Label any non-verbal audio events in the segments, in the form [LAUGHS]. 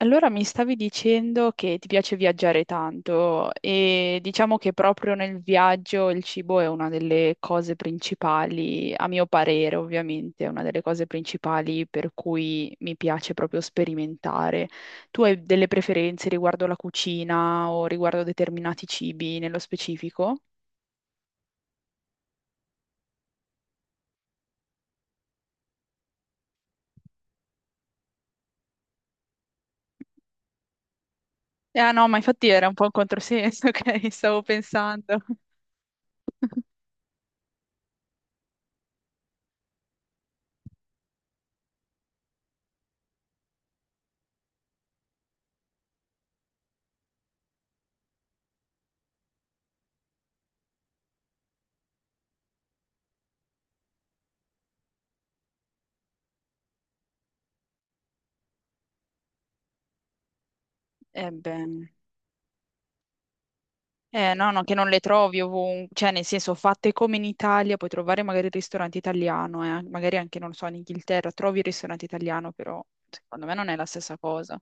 Allora mi stavi dicendo che ti piace viaggiare tanto e diciamo che proprio nel viaggio il cibo è una delle cose principali, a mio parere ovviamente, è una delle cose principali per cui mi piace proprio sperimentare. Tu hai delle preferenze riguardo la cucina o riguardo determinati cibi nello specifico? Ah no, ma infatti era un po' un controsenso, [LAUGHS] ok? Stavo pensando. Eh beh. No, no, che non le trovi ovunque, cioè nel senso fatte come in Italia, puoi trovare magari il ristorante italiano, magari anche, non lo so, in Inghilterra trovi il ristorante italiano, però secondo me non è la stessa cosa.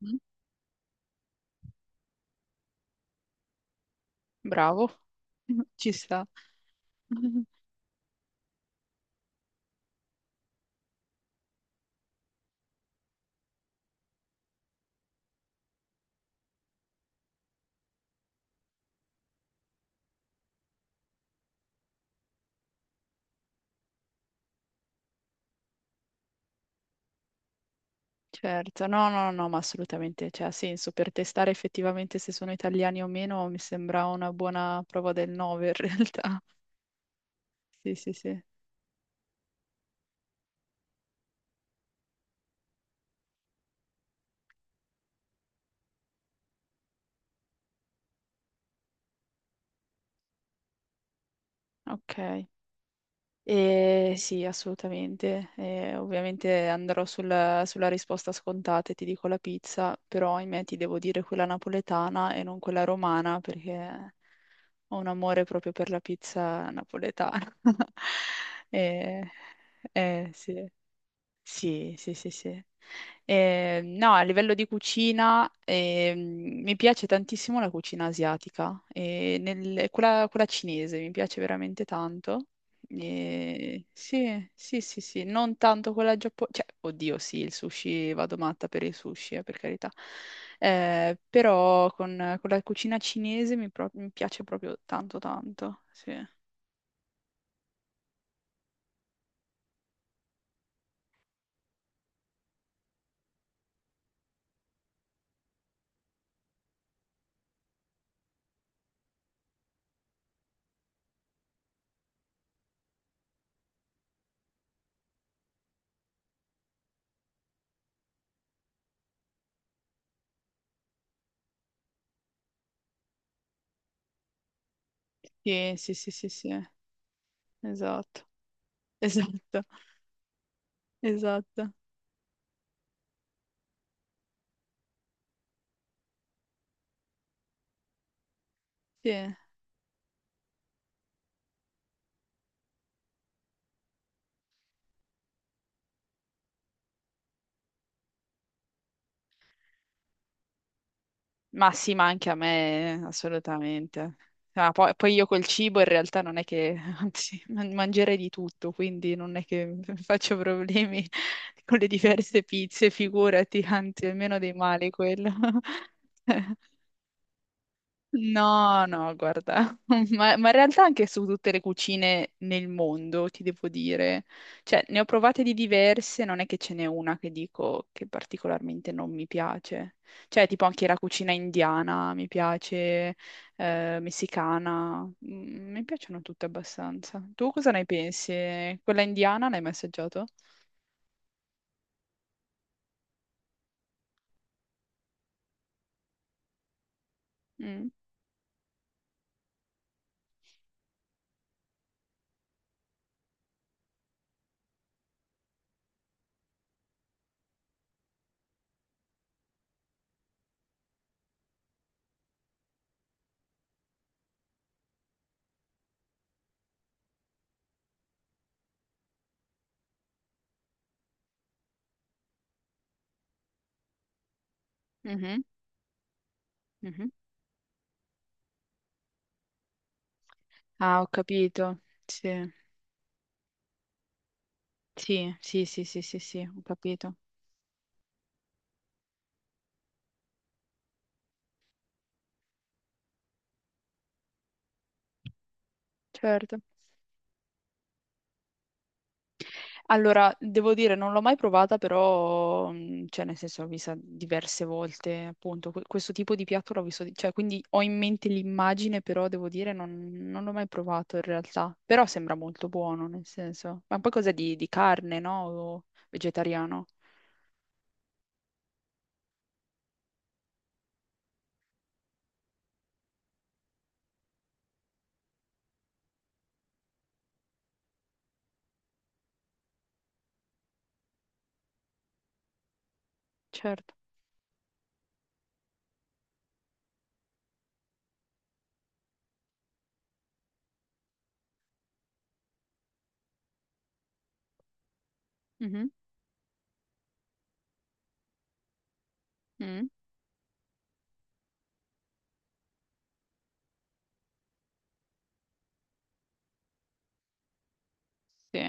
Mhm. Bravo, [LAUGHS] ci sta. [LAUGHS] Certo, no, no, no, ma assolutamente, cioè, ha senso per testare effettivamente se sono italiani o meno, mi sembra una buona prova del nove in [LAUGHS] realtà. Sì, sì, sì. Ok. Sì, assolutamente. Ovviamente andrò sulla risposta scontata e ti dico la pizza, però ahimè ti devo dire quella napoletana e non quella romana perché ho un amore proprio per la pizza napoletana. [LAUGHS] Eh, sì. Sì, sì, sì, sì. No, a livello di cucina, mi piace tantissimo la cucina asiatica, e quella, quella cinese mi piace veramente tanto. Sì, sì, sì, sì, non tanto quella giapponese, cioè, oddio, sì, il sushi, vado matta per il sushi, per carità. Però con la cucina cinese mi piace proprio tanto, tanto. Sì, sì, sì, sì, sì, sì, esatto, [LAUGHS] esatto, esatto, sì. Ma sì, ma anche a me, assolutamente. Ah, poi, poi io col cibo in realtà non è che, [LAUGHS] anzi, mangerei di tutto, quindi non è che [LAUGHS] faccio problemi con le diverse pizze, figurati, anzi, è meno dei mali quello. [LAUGHS] No, no, guarda, [LAUGHS] ma in realtà anche su tutte le cucine nel mondo, ti devo dire. Cioè, ne ho provate di diverse, non è che ce n'è una che dico che particolarmente non mi piace. Cioè, tipo anche la cucina indiana mi piace, messicana, mm, mi piacciono tutte abbastanza. Tu cosa ne pensi? Quella indiana l'hai mai assaggiato? Mm. Mhm, mhm. Ah, ho capito. Sì, sì, sì, sì, sì, sì, sì, ho capito. Certo. Allora, devo dire, non l'ho mai provata, però, cioè, nel senso, l'ho vista diverse volte, appunto, questo tipo di piatto l'ho visto, cioè, quindi ho in mente l'immagine, però, devo dire, non l'ho mai provato in realtà, però sembra molto buono, nel senso, ma poi cosa di carne, no? O vegetariano? Certo. Mhm. Mm. Sì.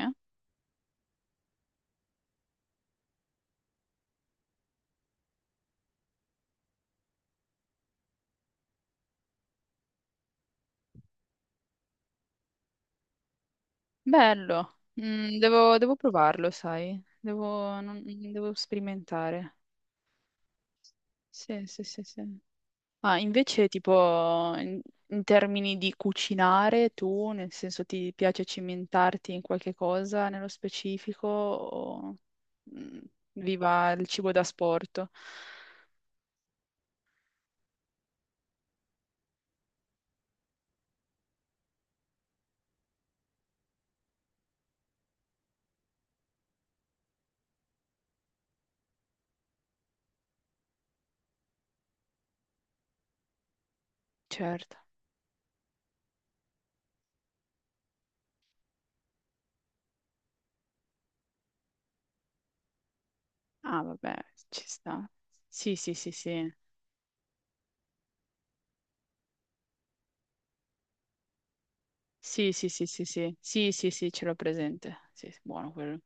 Bello. Mm, devo, devo provarlo, sai, devo, non- devo sperimentare. Sì, sì, sì, sì. Ma invece tipo in termini di cucinare tu, nel senso ti piace cimentarti in qualche cosa nello specifico o mm, viva il cibo da sport? Certo. Ah, vabbè, ci sta. Sì, sì, sì, sì. Sì, sì, sì, sì, sì. Sì, sì, sì, ce l'ho presente. Sì, sì, buono quello.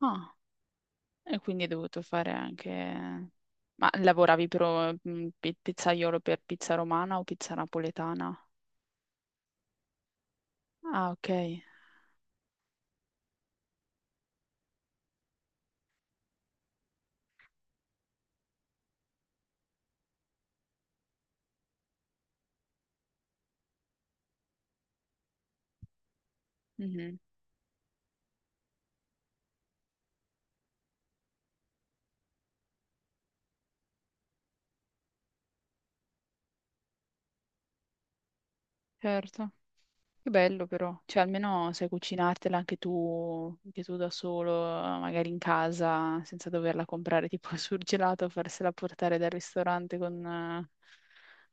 Ah, e quindi hai dovuto fare anche... Ma lavoravi per mm, pizzaiolo per pizza romana o pizza napoletana? Ah, ok. Mhm, certo, che bello però, cioè almeno sai cucinartela anche tu da solo, magari in casa, senza doverla comprare tipo [LAUGHS] al surgelato, farsela portare dal ristorante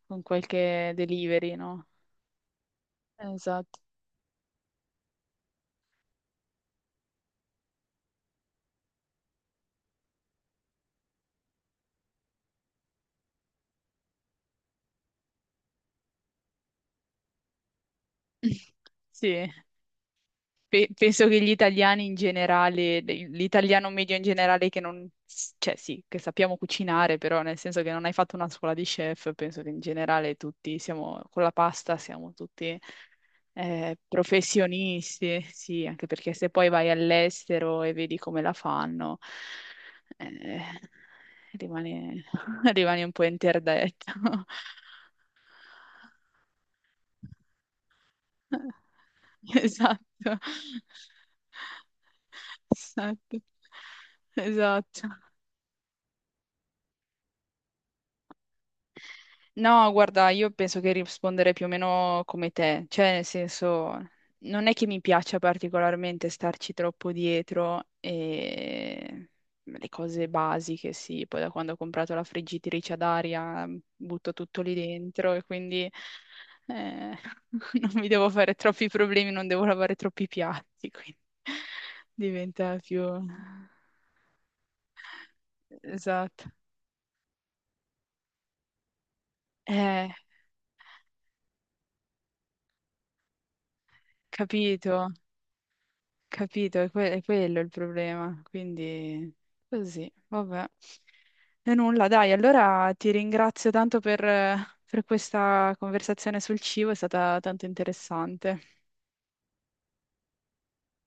con qualche delivery, no? Esatto. [LAUGHS] Sì, penso che gli italiani in generale, l'italiano medio in generale che non, cioè sì, che sappiamo cucinare, però nel senso che non hai fatto una scuola di chef, penso che in generale tutti siamo, con la pasta siamo tutti professionisti, sì, anche perché se poi vai all'estero e vedi come la fanno, eh, rimani, [LAUGHS] rimani un po' interdetto. [LAUGHS] [LAUGHS] Esatto, esatto, esatto. No, guarda, io penso che risponderei più o meno come te, cioè nel senso, non è che mi piaccia particolarmente starci troppo dietro e le cose basiche, sì, poi da quando ho comprato la friggitrice ad aria butto tutto lì dentro e quindi eh, [LAUGHS] non mi devo fare troppi problemi, non devo lavare troppi piatti, quindi [LAUGHS] diventa più... Esatto. Eh, capito. Capito, è, è quello il problema, quindi così, vabbè. E nulla, dai, allora ti ringrazio tanto per questa conversazione sul cibo, è stata tanto interessante.